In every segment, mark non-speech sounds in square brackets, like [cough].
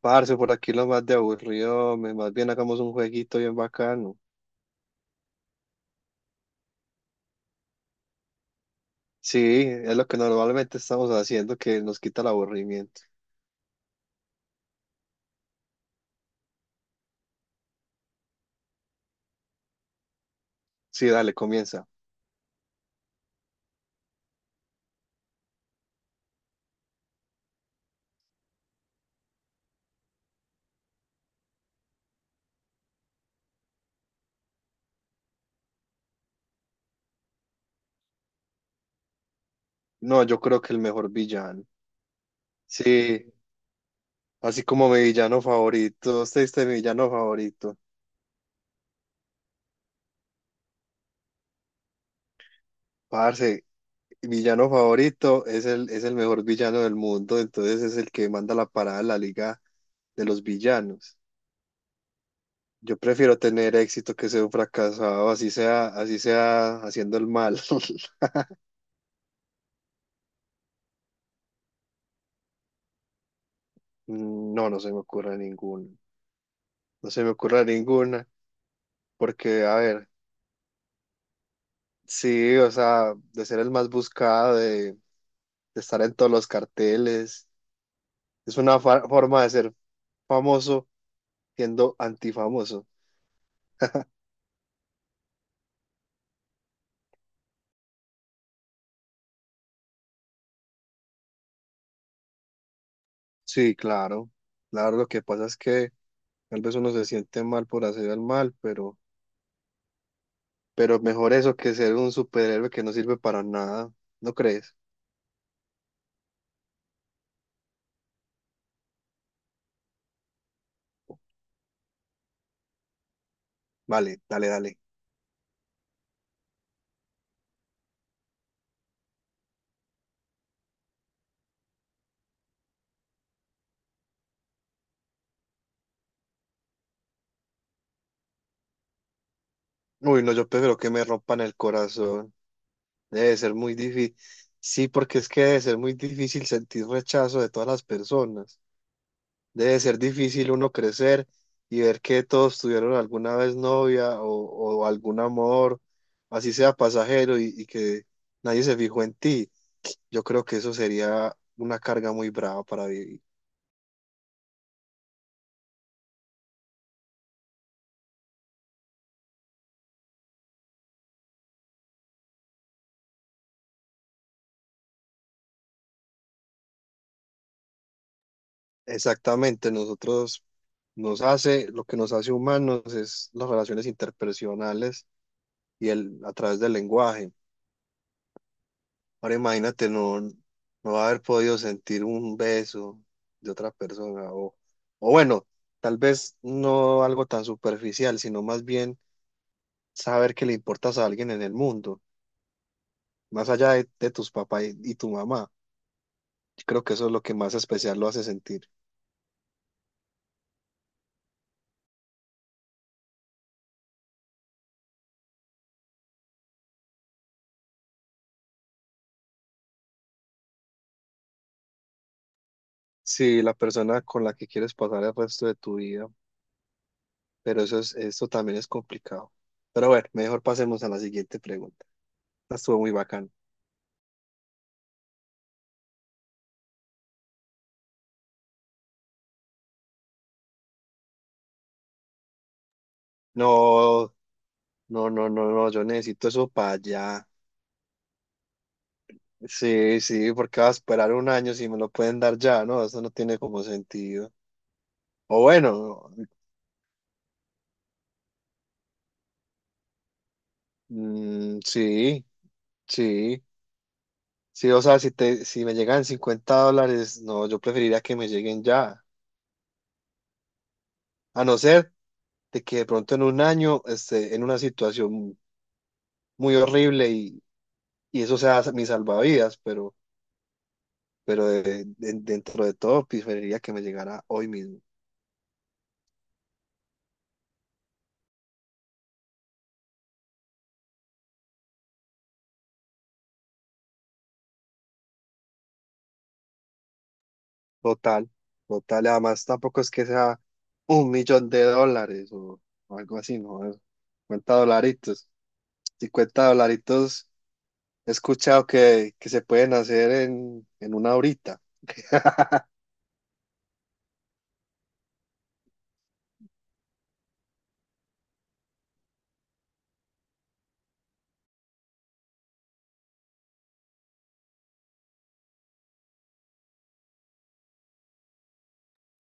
Parce, por aquí lo más de aburrido, más bien hagamos un jueguito bien bacano. Sí, es lo que normalmente estamos haciendo que nos quita el aburrimiento. Sí, dale, comienza. No, yo creo que el mejor villano. Sí, así como mi villano favorito. Usted es mi villano favorito. Parce, mi villano favorito es el mejor villano del mundo, entonces es el que manda la parada en la liga de los villanos. Yo prefiero tener éxito que ser un fracasado, así sea haciendo el mal. [laughs] No, no se me ocurre ninguna. No se me ocurre ninguna, porque, a ver, sí, o sea, de ser el más buscado, de estar en todos los carteles, es una forma de ser famoso siendo antifamoso. Sí, claro, claro, lo que pasa es que tal vez uno se siente mal por hacer el mal, pero mejor eso que ser un superhéroe que no sirve para nada, ¿no crees? Vale, dale, dale. Uy, no, yo prefiero que me rompan el corazón. Debe ser muy difícil. Sí, porque es que debe ser muy difícil sentir rechazo de todas las personas. Debe ser difícil uno crecer y ver que todos tuvieron alguna vez novia o algún amor, así sea pasajero, y que nadie se fijó en ti. Yo creo que eso sería una carga muy brava para vivir. Exactamente, lo que nos hace humanos es las relaciones interpersonales y a través del lenguaje. Ahora imagínate no haber podido sentir un beso de otra persona o bueno, tal vez no algo tan superficial, sino más bien saber que le importas a alguien en el mundo, más allá de tus papás y tu mamá. Yo creo que eso es lo que más especial lo hace sentir. Sí, la persona con la que quieres pasar el resto de tu vida, pero esto también es complicado. Pero bueno, mejor pasemos a la siguiente pregunta. Esta Estuvo muy bacán. No, no, no, no, no, yo necesito eso para allá. Sí, sí, porque va a esperar un año si me lo pueden dar ya, ¿no? Eso no tiene como sentido. O bueno, mm, sí, sí, sí, o sea, si me llegan 50 dólares, no, yo preferiría que me lleguen ya, a no ser de que de pronto en un año esté en una situación muy horrible y eso sea mi salvavidas, pero dentro de todo preferiría que me llegara hoy mismo. Total, total. Además, tampoco es que sea un millón de dólares o algo así, ¿no? Es 50 dolaritos. 50 dolaritos he escuchado que se pueden hacer en una horita.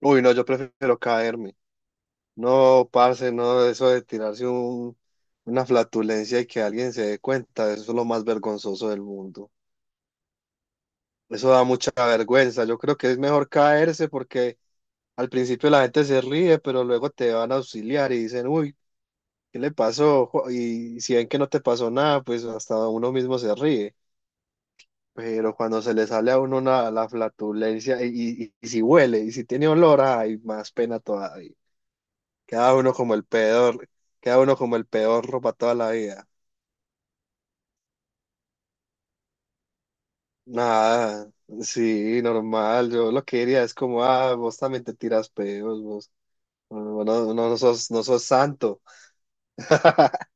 Uy, no, yo prefiero caerme. No, parce, no, eso de tirarse una flatulencia y que alguien se dé cuenta, eso es lo más vergonzoso del mundo. Eso da mucha vergüenza. Yo creo que es mejor caerse porque al principio la gente se ríe, pero luego te van a auxiliar y dicen, uy. ¿Qué le pasó? Y si ven que no te pasó nada, pues hasta uno mismo se ríe. Pero cuando se le sale a uno la flatulencia y si huele y si tiene olor, hay más pena todavía. Queda uno como el peor, queda uno como el peor para toda la vida. Nada, sí, normal. Yo lo que diría es como, ah, vos también te tiras pedos, vos. No, no, no sos santo. [laughs]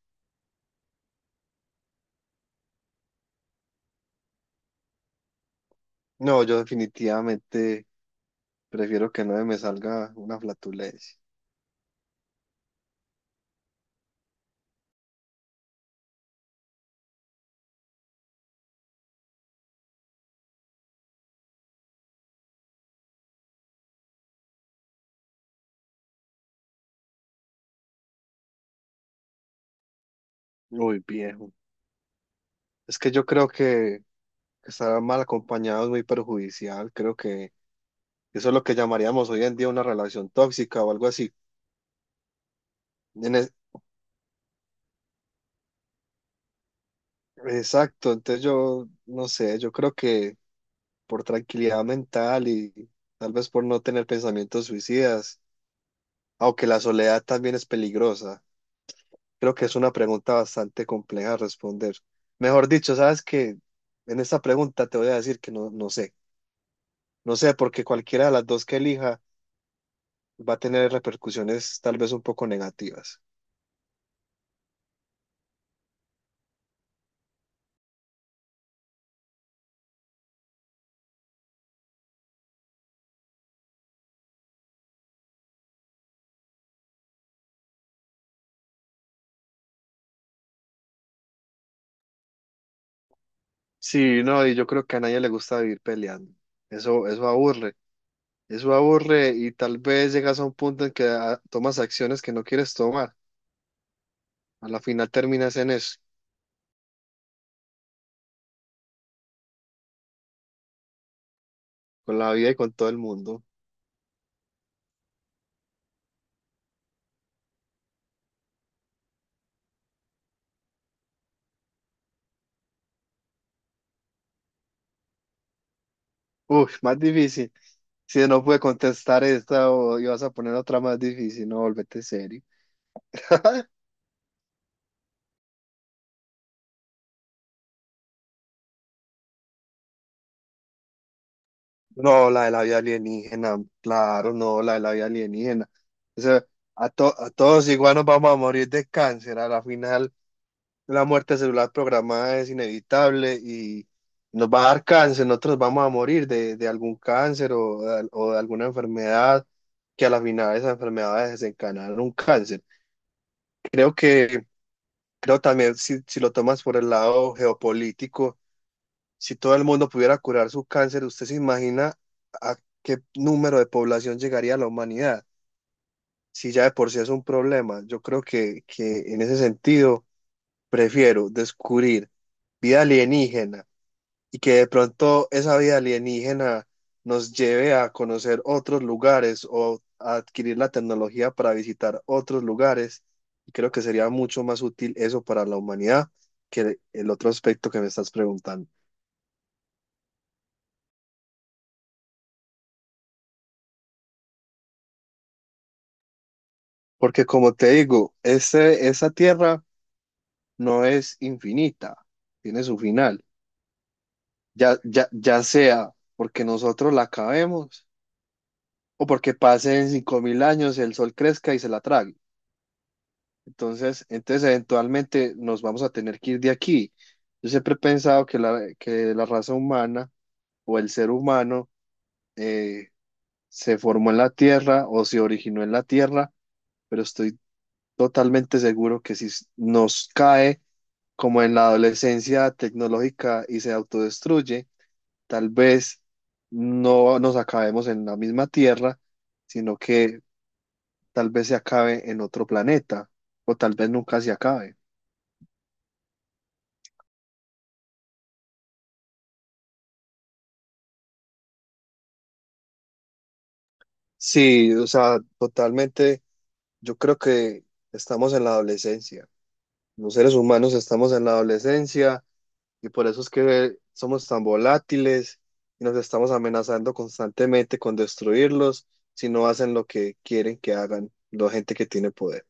No, yo definitivamente prefiero que no me salga una flatulencia. Uy, viejo. Es que yo creo que estar mal acompañado es muy perjudicial. Creo que eso es lo que llamaríamos hoy en día una relación tóxica o algo así. En es- exacto, entonces yo no sé, yo creo que por tranquilidad mental y tal vez por no tener pensamientos suicidas, aunque la soledad también es peligrosa, creo que es una pregunta bastante compleja de responder. Mejor dicho, sabes que en esta pregunta te voy a decir que no, no sé, no sé, porque cualquiera de las dos que elija va a tener repercusiones tal vez un poco negativas. Sí, no, y yo creo que a nadie le gusta vivir peleando. Eso aburre, eso aburre y tal vez llegas a un punto en que ah, tomas acciones que no quieres tomar. A la final terminas en eso, con la vida y con todo el mundo. Uf, más difícil. Si no pude contestar esta o ibas a poner otra más difícil, no, volvete serio. [laughs] No, la de la vida alienígena, claro, no, la de la vida alienígena. O sea, a todos igual nos vamos a morir de cáncer. A la final, la muerte celular programada es inevitable y nos va a dar cáncer. Nosotros vamos a morir de algún cáncer o de alguna enfermedad que a la final esas enfermedades desencadenan un cáncer. Creo que, creo también, si lo tomas por el lado geopolítico, si todo el mundo pudiera curar su cáncer, ¿usted se imagina a qué número de población llegaría la humanidad? Si ya de por sí es un problema, yo creo que en ese sentido prefiero descubrir vida alienígena y que de pronto esa vida alienígena nos lleve a conocer otros lugares o a adquirir la tecnología para visitar otros lugares. Y creo que sería mucho más útil eso para la humanidad que el otro aspecto que me estás preguntando. Porque como te digo, esa tierra no es infinita, tiene su final. Ya sea porque nosotros la acabemos o porque pasen 5000 años, el sol crezca y se la trague. Entonces eventualmente nos vamos a tener que ir de aquí. Yo siempre he pensado que la raza humana o el ser humano eh, se formó en la tierra o se originó en la tierra, pero estoy totalmente seguro que si nos cae como en la adolescencia tecnológica y se autodestruye, tal vez no nos acabemos en la misma Tierra, sino que tal vez se acabe en otro planeta o tal vez nunca se acabe. Sí, o sea, totalmente, yo creo que estamos en la adolescencia. Los seres humanos estamos en la adolescencia. Y por eso es que somos tan volátiles y nos estamos amenazando constantemente con destruirlos si no hacen lo que quieren que hagan la gente que tiene poder.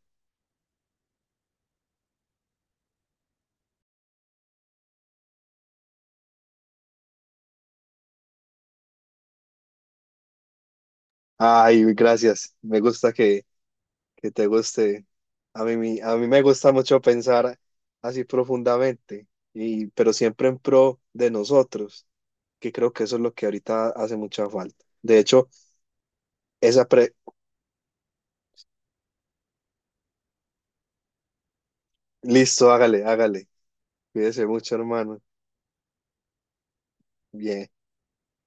Ay, gracias. Me gusta que te guste. A mí me gusta mucho pensar así profundamente, pero siempre en pro de nosotros, que creo que eso es lo que ahorita hace mucha falta. De hecho, esa pre... Listo, hágale, hágale. Cuídese mucho, hermano. Bien.